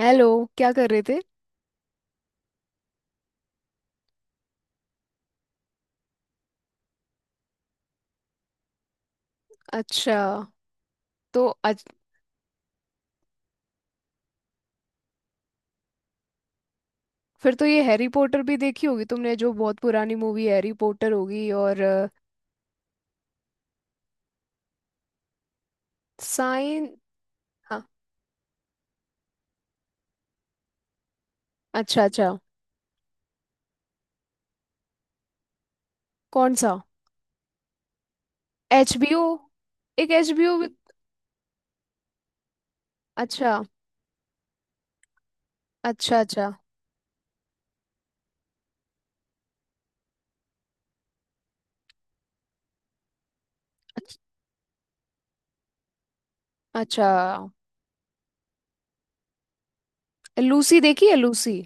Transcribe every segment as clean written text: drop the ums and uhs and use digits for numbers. Hello. क्या कर रहे थे? अच्छा। तो आज? फिर तो ये हैरी पॉटर भी देखी होगी तुमने, जो बहुत पुरानी मूवी हैरी पॉटर होगी। और साइन। हाँ। अच्छा, अच्छा। कौन सा? एचबीओ? एक एचबीओ भी। अच्छा। अच्छा। अच्छा। अच्छ- अच्छा। लूसी देखी है, लूसी?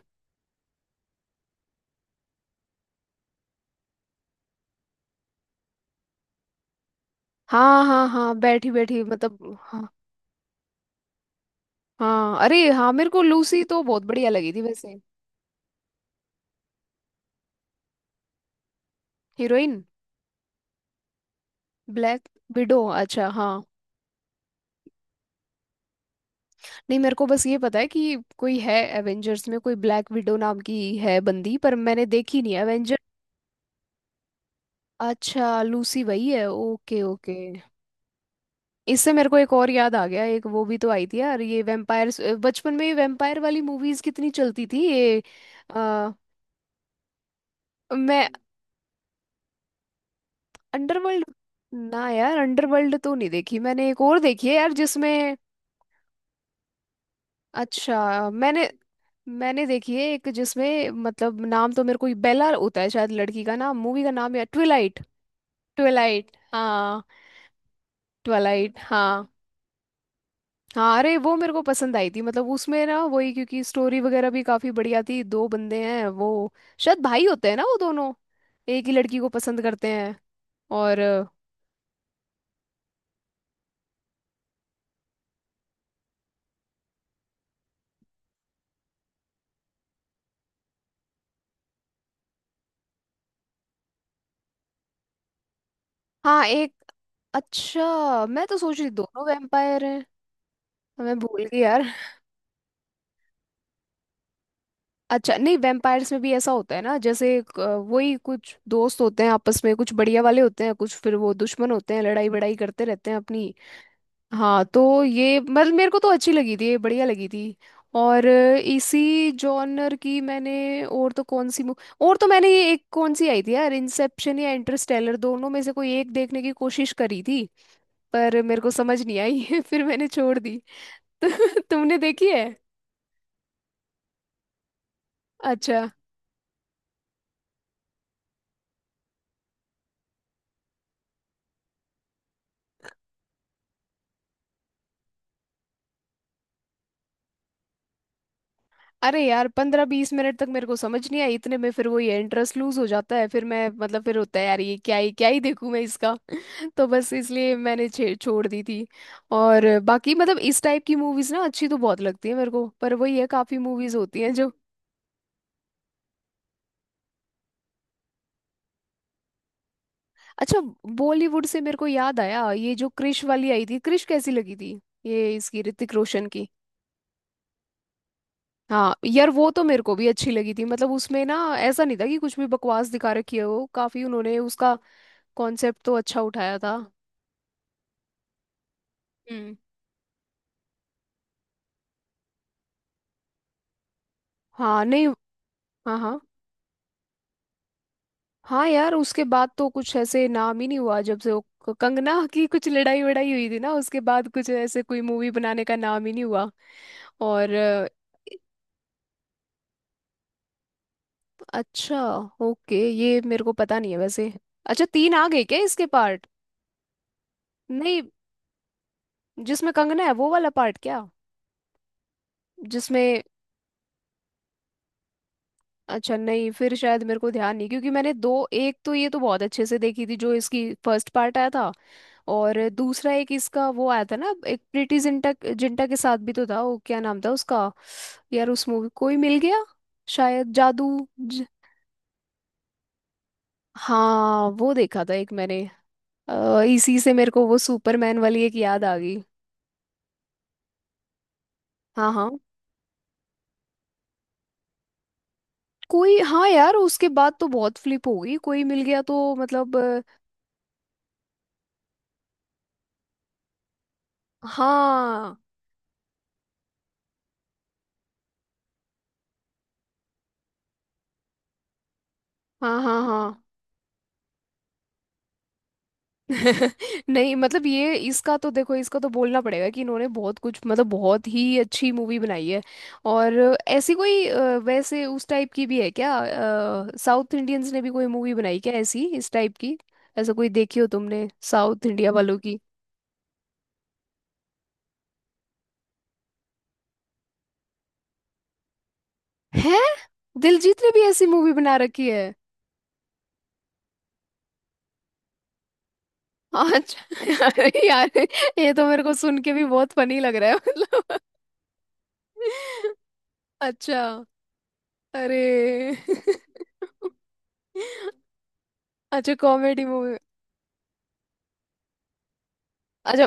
हाँ, हाँ, हाँ, बैठी बैठी, मतलब हाँ। हाँ, अरे हाँ, मेरे को लूसी तो बहुत बढ़िया लगी थी वैसे। हीरोइन। ब्लैक। विडो। अच्छा हाँ। नहीं, मेरे को बस ये पता है कि कोई है। एवेंजर्स में कोई ब्लैक विडो नाम की है बंदी, पर मैंने देखी नहीं एवेंजर। अच्छा, लूसी वही है। Okay, okay. इससे मेरे को एक और याद आ गया, एक वो भी तो आई थी यार, ये वैम्पायर्स। बचपन में ये वैम्पायर वाली मूवीज कितनी चलती थी ये। आ, मैं। अंडरवर्ल्ड। ना यार, अंडरवर्ल्ड तो नहीं देखी मैंने। एक और देखी है यार जिसमें, अच्छा मैंने मैंने देखी है एक, जिसमें मतलब नाम तो मेरे को बेला होता है शायद लड़की का नाम, मूवी का नाम, या ट्विलाइट। ट्विलाइट हाँ। ट्विलाइट हाँ। हाँ, अरे वो मेरे को पसंद आई थी, मतलब उसमें ना, वही क्योंकि स्टोरी वगैरह भी काफी बढ़िया थी। दो बंदे हैं, वो शायद भाई होते हैं ना वो दोनों। एक ही लड़की को पसंद करते हैं। और हाँ एक। अच्छा, मैं तो सोच रही दोनों वैम्पायर हैं। मैं भूल गई यार। अच्छा, नहीं, वैम्पायर्स में भी ऐसा होता है ना, जैसे एक, वही, कुछ दोस्त होते हैं आपस में, कुछ बढ़िया वाले होते हैं, कुछ फिर वो दुश्मन होते हैं, लड़ाई बड़ाई करते रहते हैं अपनी। हाँ तो ये मतलब मेरे को तो अच्छी लगी थी ये, बढ़िया लगी थी। और इसी जॉनर की मैंने और तो कौन सी और तो मैंने ये एक कौन सी आई थी यार, इंसेप्शन या इंटरस्टेलर, दोनों में से कोई एक देखने की कोशिश करी थी। पर मेरे को समझ नहीं आई फिर मैंने छोड़ दी। तो तुमने देखी है? अच्छा। अरे यार, 15-20 मिनट तक मेरे को समझ नहीं आई। इतने में फिर वो ये इंटरेस्ट लूज हो जाता है, फिर मैं, मतलब फिर होता है यार, ये क्या ही देखूं मैं इसका। तो बस इसलिए मैंने छोड़ दी थी। और बाकी, मतलब इस टाइप की मूवीज ना अच्छी तो बहुत लगती है मेरे को, पर वही है, काफी मूवीज होती हैं जो। अच्छा। बॉलीवुड से मेरे को याद आया, ये जो क्रिश वाली आई थी, क्रिश कैसी लगी थी ये, इसकी ऋतिक रोशन की? हाँ यार, वो तो मेरे को भी अच्छी लगी थी, मतलब उसमें ना ऐसा नहीं था कि कुछ भी बकवास दिखा रखी है, वो काफी उन्होंने उसका कॉन्सेप्ट तो अच्छा उठाया था। हम्म। हाँ नहीं। हाँ हाँ। हाँ यार, उसके बाद तो कुछ ऐसे नाम ही नहीं हुआ, जब से वो कंगना की कुछ लड़ाई वड़ाई हुई थी ना, उसके बाद कुछ ऐसे कोई मूवी बनाने का नाम ही नहीं हुआ। और अच्छा। ओके, ये मेरे को पता नहीं है वैसे। अच्छा, तीन आ गए क्या इसके पार्ट? नहीं, जिसमें कंगना है वो वाला पार्ट क्या? जिसमें। अच्छा नहीं, फिर शायद मेरे को ध्यान नहीं, क्योंकि मैंने दो, एक तो ये तो बहुत अच्छे से देखी थी, जो इसकी फर्स्ट पार्ट आया था। और दूसरा एक इसका वो आया था ना, एक प्रीटी जिंटा, जिंटा के साथ भी तो था। वो क्या नाम था उसका यार, उस मूवी, कोई मिल गया? शायद जादू। हाँ वो देखा था एक मैंने। इसी से मेरे को वो सुपरमैन वाली एक याद आ गई। हाँ हाँ। कोई, हाँ यार, उसके बाद तो बहुत फ्लिप हो गई। कोई मिल गया, तो मतलब हाँ, हाँ, हाँ, हाँ। नहीं, मतलब ये इसका तो देखो, इसका तो बोलना पड़ेगा कि इन्होंने बहुत कुछ, मतलब बहुत ही अच्छी मूवी बनाई है। और ऐसी कोई वैसे, उस टाइप की भी है क्या? साउथ इंडियंस ने भी कोई मूवी बनाई क्या ऐसी, इस टाइप की? ऐसा कोई देखी हो तुमने साउथ इंडिया वालों की? है? दिलजीत ने भी ऐसी मूवी बना रखी है? अच्छा अरे यार, ये तो मेरे को सुन के भी बहुत फनी लग रहा है, मतलब अच्छा। अरे। अच्छा, कॉमेडी मूवी। अच्छा।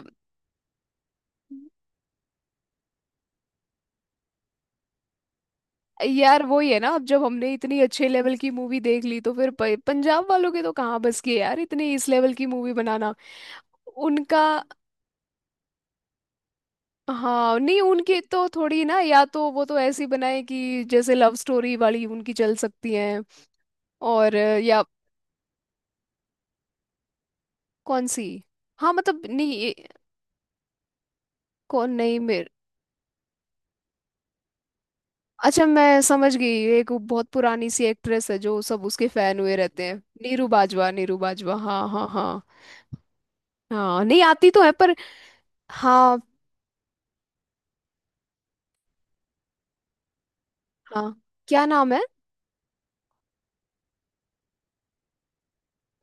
यार वही है ना, अब जब हमने इतनी अच्छे लेवल की मूवी देख ली, तो फिर पंजाब वालों के तो कहाँ बस की है यार इतनी इस लेवल की मूवी बनाना। उनका। हाँ नहीं, उनकी तो थोड़ी ना, या तो वो तो ऐसी बनाए कि जैसे लव स्टोरी वाली उनकी चल सकती हैं। और या। कौन सी? हाँ मतलब नहीं कौन, नहीं मेरे। अच्छा, मैं समझ गई। एक वो बहुत पुरानी सी एक्ट्रेस है, जो सब उसके फैन हुए रहते हैं। नीरू बाजवा, नीरू बाजवा, हाँ, हाँ, हाँ। हाँ, नहीं आती तो है, पर। हाँ। हाँ, क्या नाम है?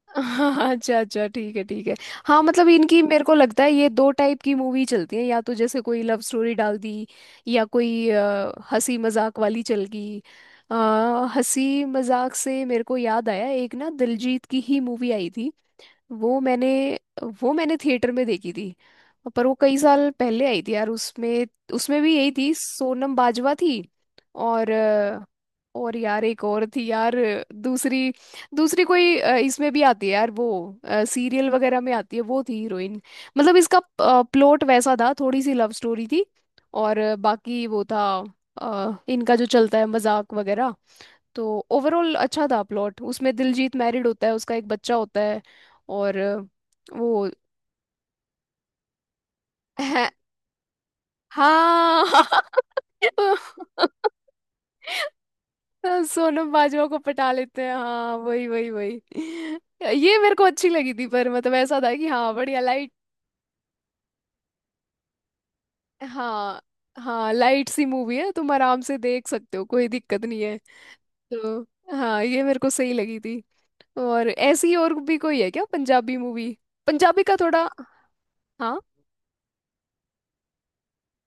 अच्छा, अच्छा, ठीक है, ठीक है। हाँ, मतलब इनकी मेरे को लगता है ये दो टाइप की मूवी चलती है, या तो जैसे कोई लव स्टोरी डाल दी, या कोई हंसी मजाक वाली चल गई। अ, हंसी मजाक से मेरे को याद आया, एक ना दिलजीत की ही मूवी आई थी। वो मैंने, वो मैंने थिएटर में देखी थी। पर वो कई साल पहले आई थी यार। उसमें, उसमें भी यही थी, सोनम बाजवा थी। और और यार एक और थी यार। दूसरी, दूसरी कोई इसमें भी आती है यार वो, सीरियल वगैरह में आती है, वो थी हीरोइन। मतलब इसका प्लॉट वैसा था, थोड़ी सी लव स्टोरी थी। और बाकी वो था, इनका जो चलता है मजाक वगैरह। तो ओवरऑल अच्छा था प्लॉट, उसमें दिलजीत मैरिड होता है, उसका एक बच्चा होता है। और वो। है, हाँ। सोनम बाजवा को पटा लेते हैं, हाँ, वही, वही, वही। ये मेरे को अच्छी लगी थी, पर मतलब ऐसा था कि हाँ, बढ़िया लाइट। हाँ, हाँ, लाइट सी मूवी है, तुम आराम से देख सकते हो, कोई दिक्कत नहीं है। तो हाँ, ये मेरे को सही लगी थी। और ऐसी और भी कोई है क्या पंजाबी मूवी? पंजाबी का थोड़ा। हाँ,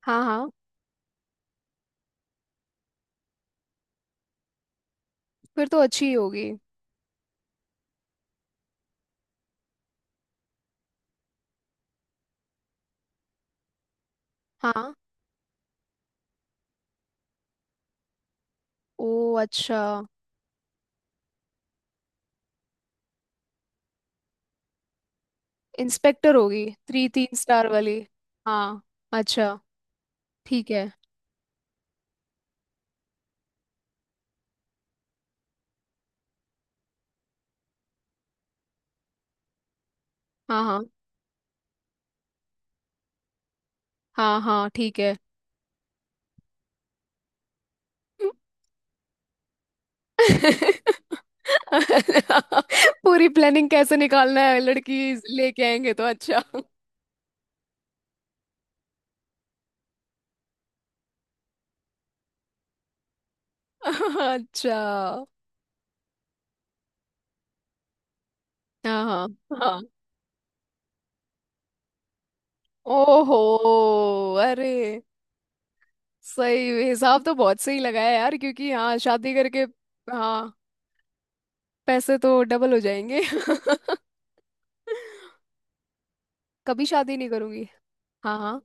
हाँ, हाँ, फिर तो अच्छी ही होगी। हाँ, ओ अच्छा। इंस्पेक्टर होगी, थ्री तीन स्टार वाली। हाँ। अच्छा, ठीक है। हाँ, हाँ, हाँ, हाँ, ठीक है। पूरी प्लानिंग कैसे निकालना है, लड़की लेके आएंगे तो अच्छा। अच्छा। हाँ, हाँ, हाँ। ओहो। अरे, सही हिसाब तो बहुत सही लगाया यार, क्योंकि हाँ, शादी करके हाँ पैसे तो डबल हो जाएंगे। कभी शादी नहीं करूंगी। हाँ, हाँ।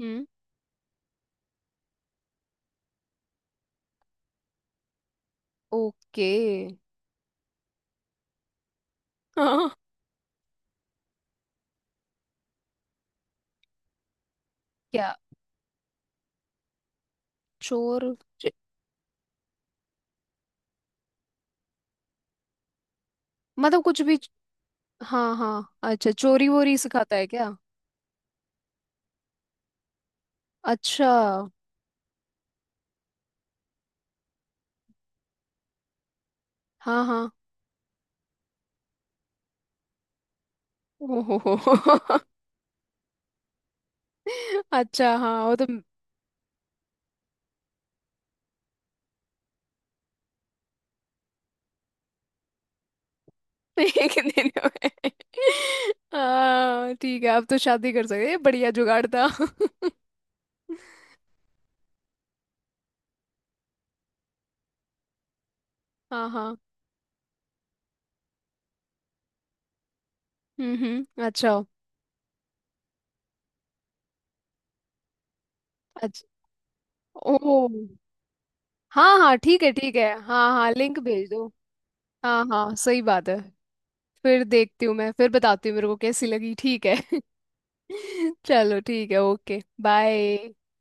हम्म। ओके। हाँ। क्या? चोर। च- मतलब कुछ भी। हाँ, हाँ, अच्छा, चोरी वोरी सिखाता है क्या? अच्छा। हाँ, हाँ। ओहो। अच्छा हाँ, वो तो। एक दिन में। हाँ ठीक है, अब तो शादी कर सकते हैं, बढ़िया जुगाड़ था। हाँ, हाँ। हम्म, हम्म, अच्छा। अच्छा। ओ। हाँ, हाँ, ठीक है, ठीक है, हाँ, हाँ, लिंक भेज दो। हाँ, हाँ, सही बात है। फिर देखती हूँ मैं, फिर बताती हूँ मेरे को कैसी लगी, ठीक है। चलो ठीक है, ओके, बाय।